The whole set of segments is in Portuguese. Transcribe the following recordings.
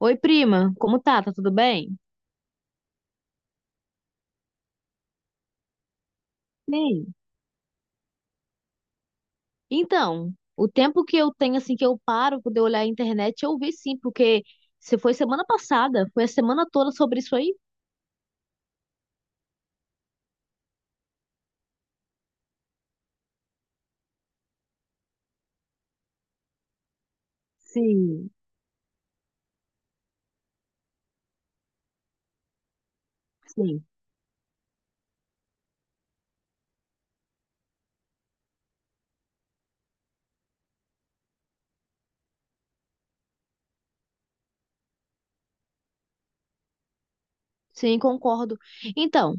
Oi, prima, como tá? Tá tudo bem? Sim. Então, o tempo que eu tenho, assim, que eu paro pra poder olhar a internet, eu vi sim, porque se foi semana passada, foi a semana toda sobre isso aí? Sim, sim. Sim, concordo. Então,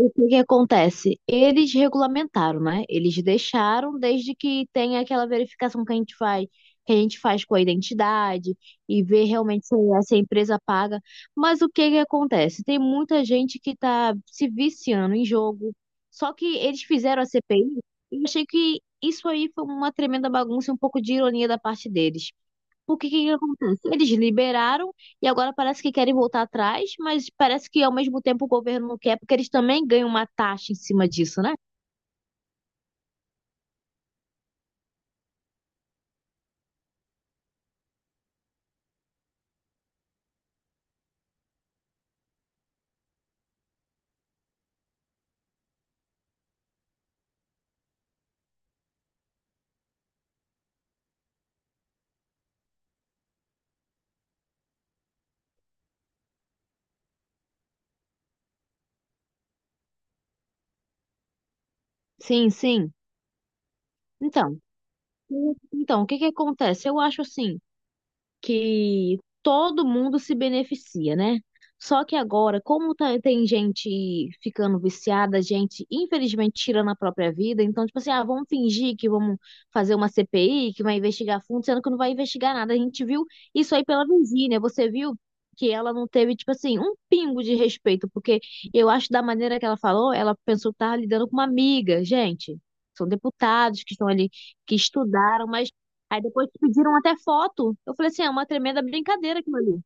o que que acontece? Eles regulamentaram, né? Eles deixaram desde que tenha aquela verificação que a gente faz, que a gente faz com a identidade e ver realmente se a, se a empresa paga. Mas o que que acontece? Tem muita gente que está se viciando em jogo. Só que eles fizeram a CPI e eu achei que isso aí foi uma tremenda bagunça e um pouco de ironia da parte deles. O que que acontece? Eles liberaram e agora parece que querem voltar atrás, mas parece que ao mesmo tempo o governo não quer, porque eles também ganham uma taxa em cima disso, né? Sim, sim. Então, então, o que que acontece? Eu acho assim, que todo mundo se beneficia, né? Só que agora, como tem gente ficando viciada, gente infelizmente tirando a própria vida, então, tipo assim, ah, vamos fingir que vamos fazer uma CPI, que vai investigar fundo, sendo que não vai investigar nada. A gente viu isso aí pela Virgínia, você viu que ela não teve, tipo assim, um pingo de respeito, porque eu acho da maneira que ela falou, ela pensou que estava lidando com uma amiga, gente. São deputados que estão ali, que estudaram, mas aí depois pediram até foto. Eu falei assim, é uma tremenda brincadeira aquilo ali.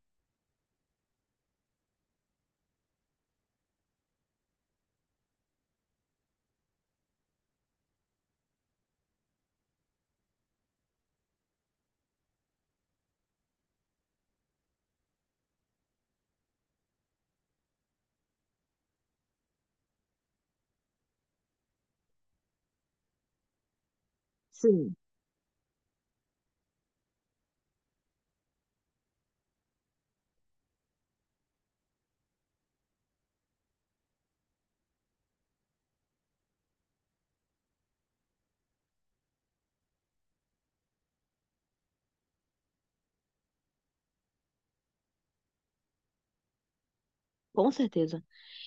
Sim, com certeza.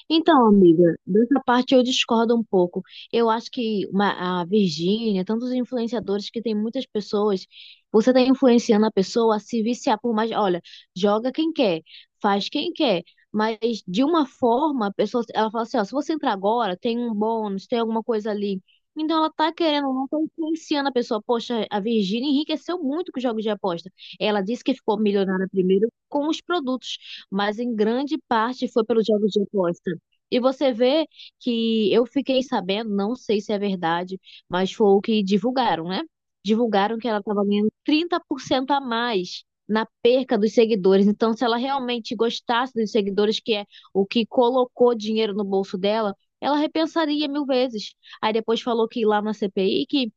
Então, amiga, dessa parte eu discordo um pouco. Eu acho que a Virgínia, tantos influenciadores que tem muitas pessoas, você está influenciando a pessoa a se viciar por mais. Olha, joga quem quer, faz quem quer. Mas de uma forma, a pessoa, ela fala assim, ó, se você entrar agora, tem um bônus, tem alguma coisa ali. Então ela tá querendo, não tá influenciando a pessoa. Poxa, a Virgínia enriqueceu muito com os jogos de aposta. Ela disse que ficou milionária primeiro com os produtos, mas em grande parte foi pelos jogos de aposta. E você vê que eu fiquei sabendo, não sei se é verdade, mas foi o que divulgaram, né? Divulgaram que ela estava ganhando 30% a mais na perca dos seguidores. Então, se ela realmente gostasse dos seguidores, que é o que colocou dinheiro no bolso dela, ela repensaria mil vezes. Aí depois falou que lá na CPI que,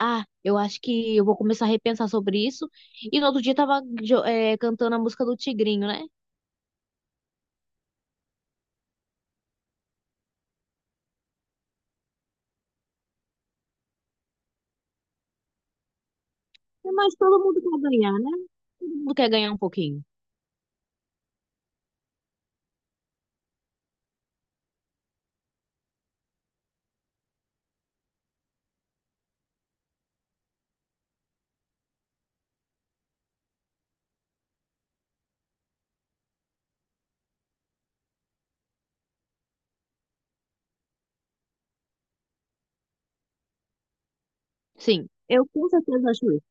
ah, eu acho que eu vou começar a repensar sobre isso. E no outro dia estava cantando a música do Tigrinho, né? Mas todo mundo quer ganhar, né? Todo mundo quer ganhar um pouquinho. Sim, eu com certeza acho isso.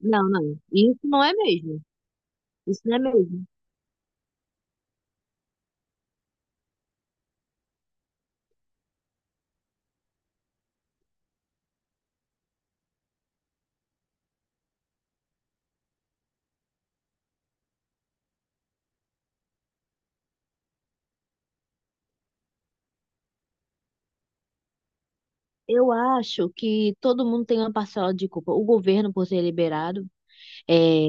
Não, não, isso não é mesmo. Isso não é mesmo. Eu acho que todo mundo tem uma parcela de culpa. O governo por ter liberado, é,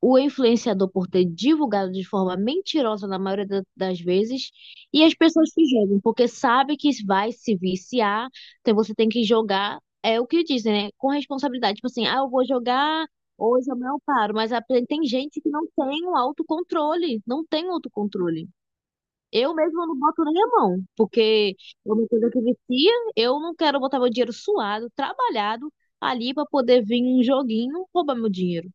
o influenciador por ter divulgado de forma mentirosa na maioria das vezes, e as pessoas que jogam, porque sabe que vai se viciar, então você tem que jogar, é o que dizem, né? Com responsabilidade. Tipo assim, ah, eu vou jogar. Hoje amanhã eu não paro, mas tem gente que não tem o autocontrole, não tem um autocontrole. Eu mesma não boto nem a mão, porque é uma coisa que vicia. Eu não quero botar meu dinheiro suado, trabalhado, ali para poder vir um joguinho roubar meu dinheiro.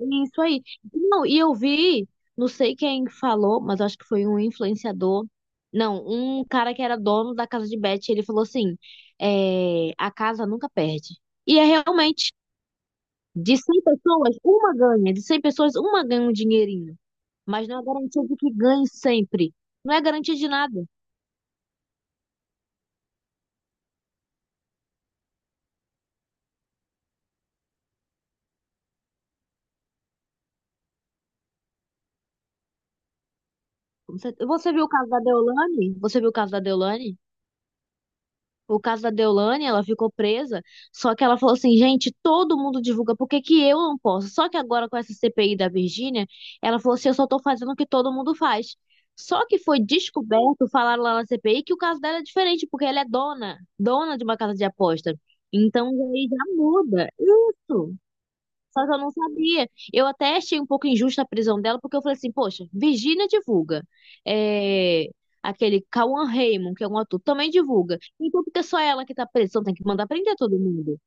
É isso aí. Não, e eu vi, não sei quem falou, mas acho que foi um influenciador. Não, um cara que era dono da casa de bet, ele falou assim: é, a casa nunca perde. E é realmente, de 100 pessoas, uma ganha. De 100 pessoas, uma ganha um dinheirinho. Mas não é garantia de que ganhe sempre. Não é garantia de nada. Você viu o caso da Deolane? Você viu o caso da Deolane? O caso da Deolane, ela ficou presa, só que ela falou assim, gente, todo mundo divulga, por que que eu não posso? Só que agora com essa CPI da Virgínia, ela falou assim, eu só tô fazendo o que todo mundo faz. Só que foi descoberto, falaram lá na CPI, que o caso dela é diferente, porque ela é dona, dona de uma casa de aposta. Então aí já muda. Isso. Só que eu não sabia. Eu até achei um pouco injusta a prisão dela, porque eu falei assim, poxa, Virgínia divulga. É, aquele Cauan Raymond, que é um ator, também divulga. Então, porque é só ela que tá presa, então tem que mandar prender todo mundo.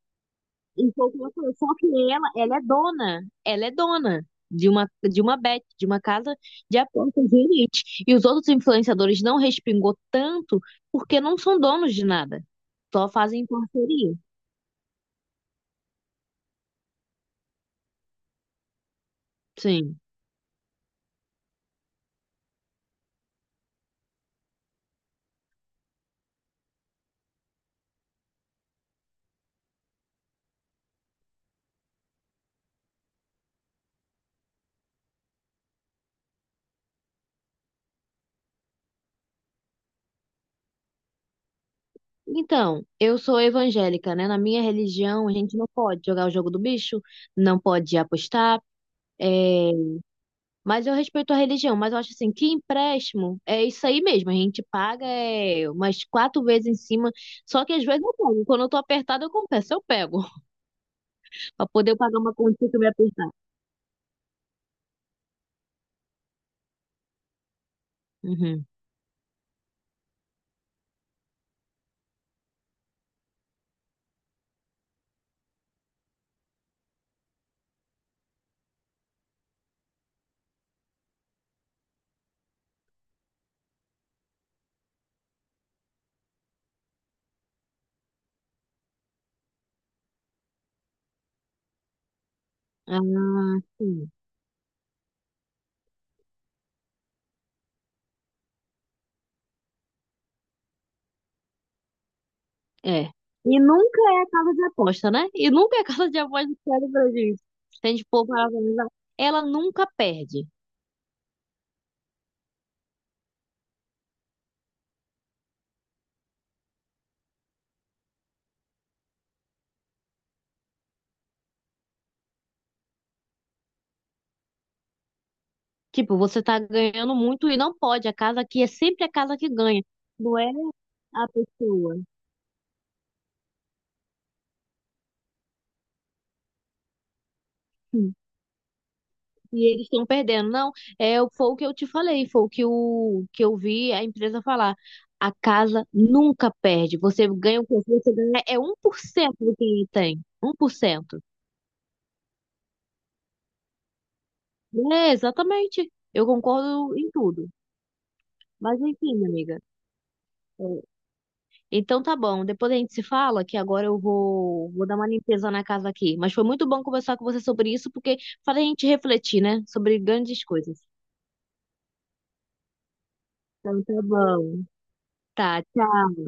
Então, como eu falei, só que ela é dona. Ela é dona de uma bet, de uma casa de apostas de elite. E os outros influenciadores não respingou tanto porque não são donos de nada. Só fazem parceria. Sim. Então, eu sou evangélica, né? Na minha religião, a gente não pode jogar o jogo do bicho, não pode apostar. É, mas eu respeito a religião, mas eu acho assim, que empréstimo é isso aí mesmo. A gente paga é, umas quatro vezes em cima, só que às vezes eu pego. Quando eu tô apertada, eu confesso, eu pego. Pra poder pagar uma continha que eu me apertar. Uhum. Ah, sim. É. E nunca é casa de aposta, né? E nunca é casa de aposta que pega prejuízo. Se a gente pôr pra analisar, ela nunca perde. Tipo, você tá ganhando muito e não pode. A casa aqui é sempre a casa que ganha. Não é a pessoa. Sim. E eles estão perdendo. Não, é, foi o que eu te falei, foi o que eu vi a empresa falar. A casa nunca perde. Você ganha o que você ganha é 1% do que ele tem. 1%. É, exatamente. Eu concordo em tudo. Mas enfim, minha amiga. É, então tá bom, depois a gente se fala que agora eu vou dar uma limpeza na casa aqui. Mas foi muito bom conversar com você sobre isso, porque faz a gente refletir, né? Sobre grandes coisas. Então tá bom. Tá, tchau.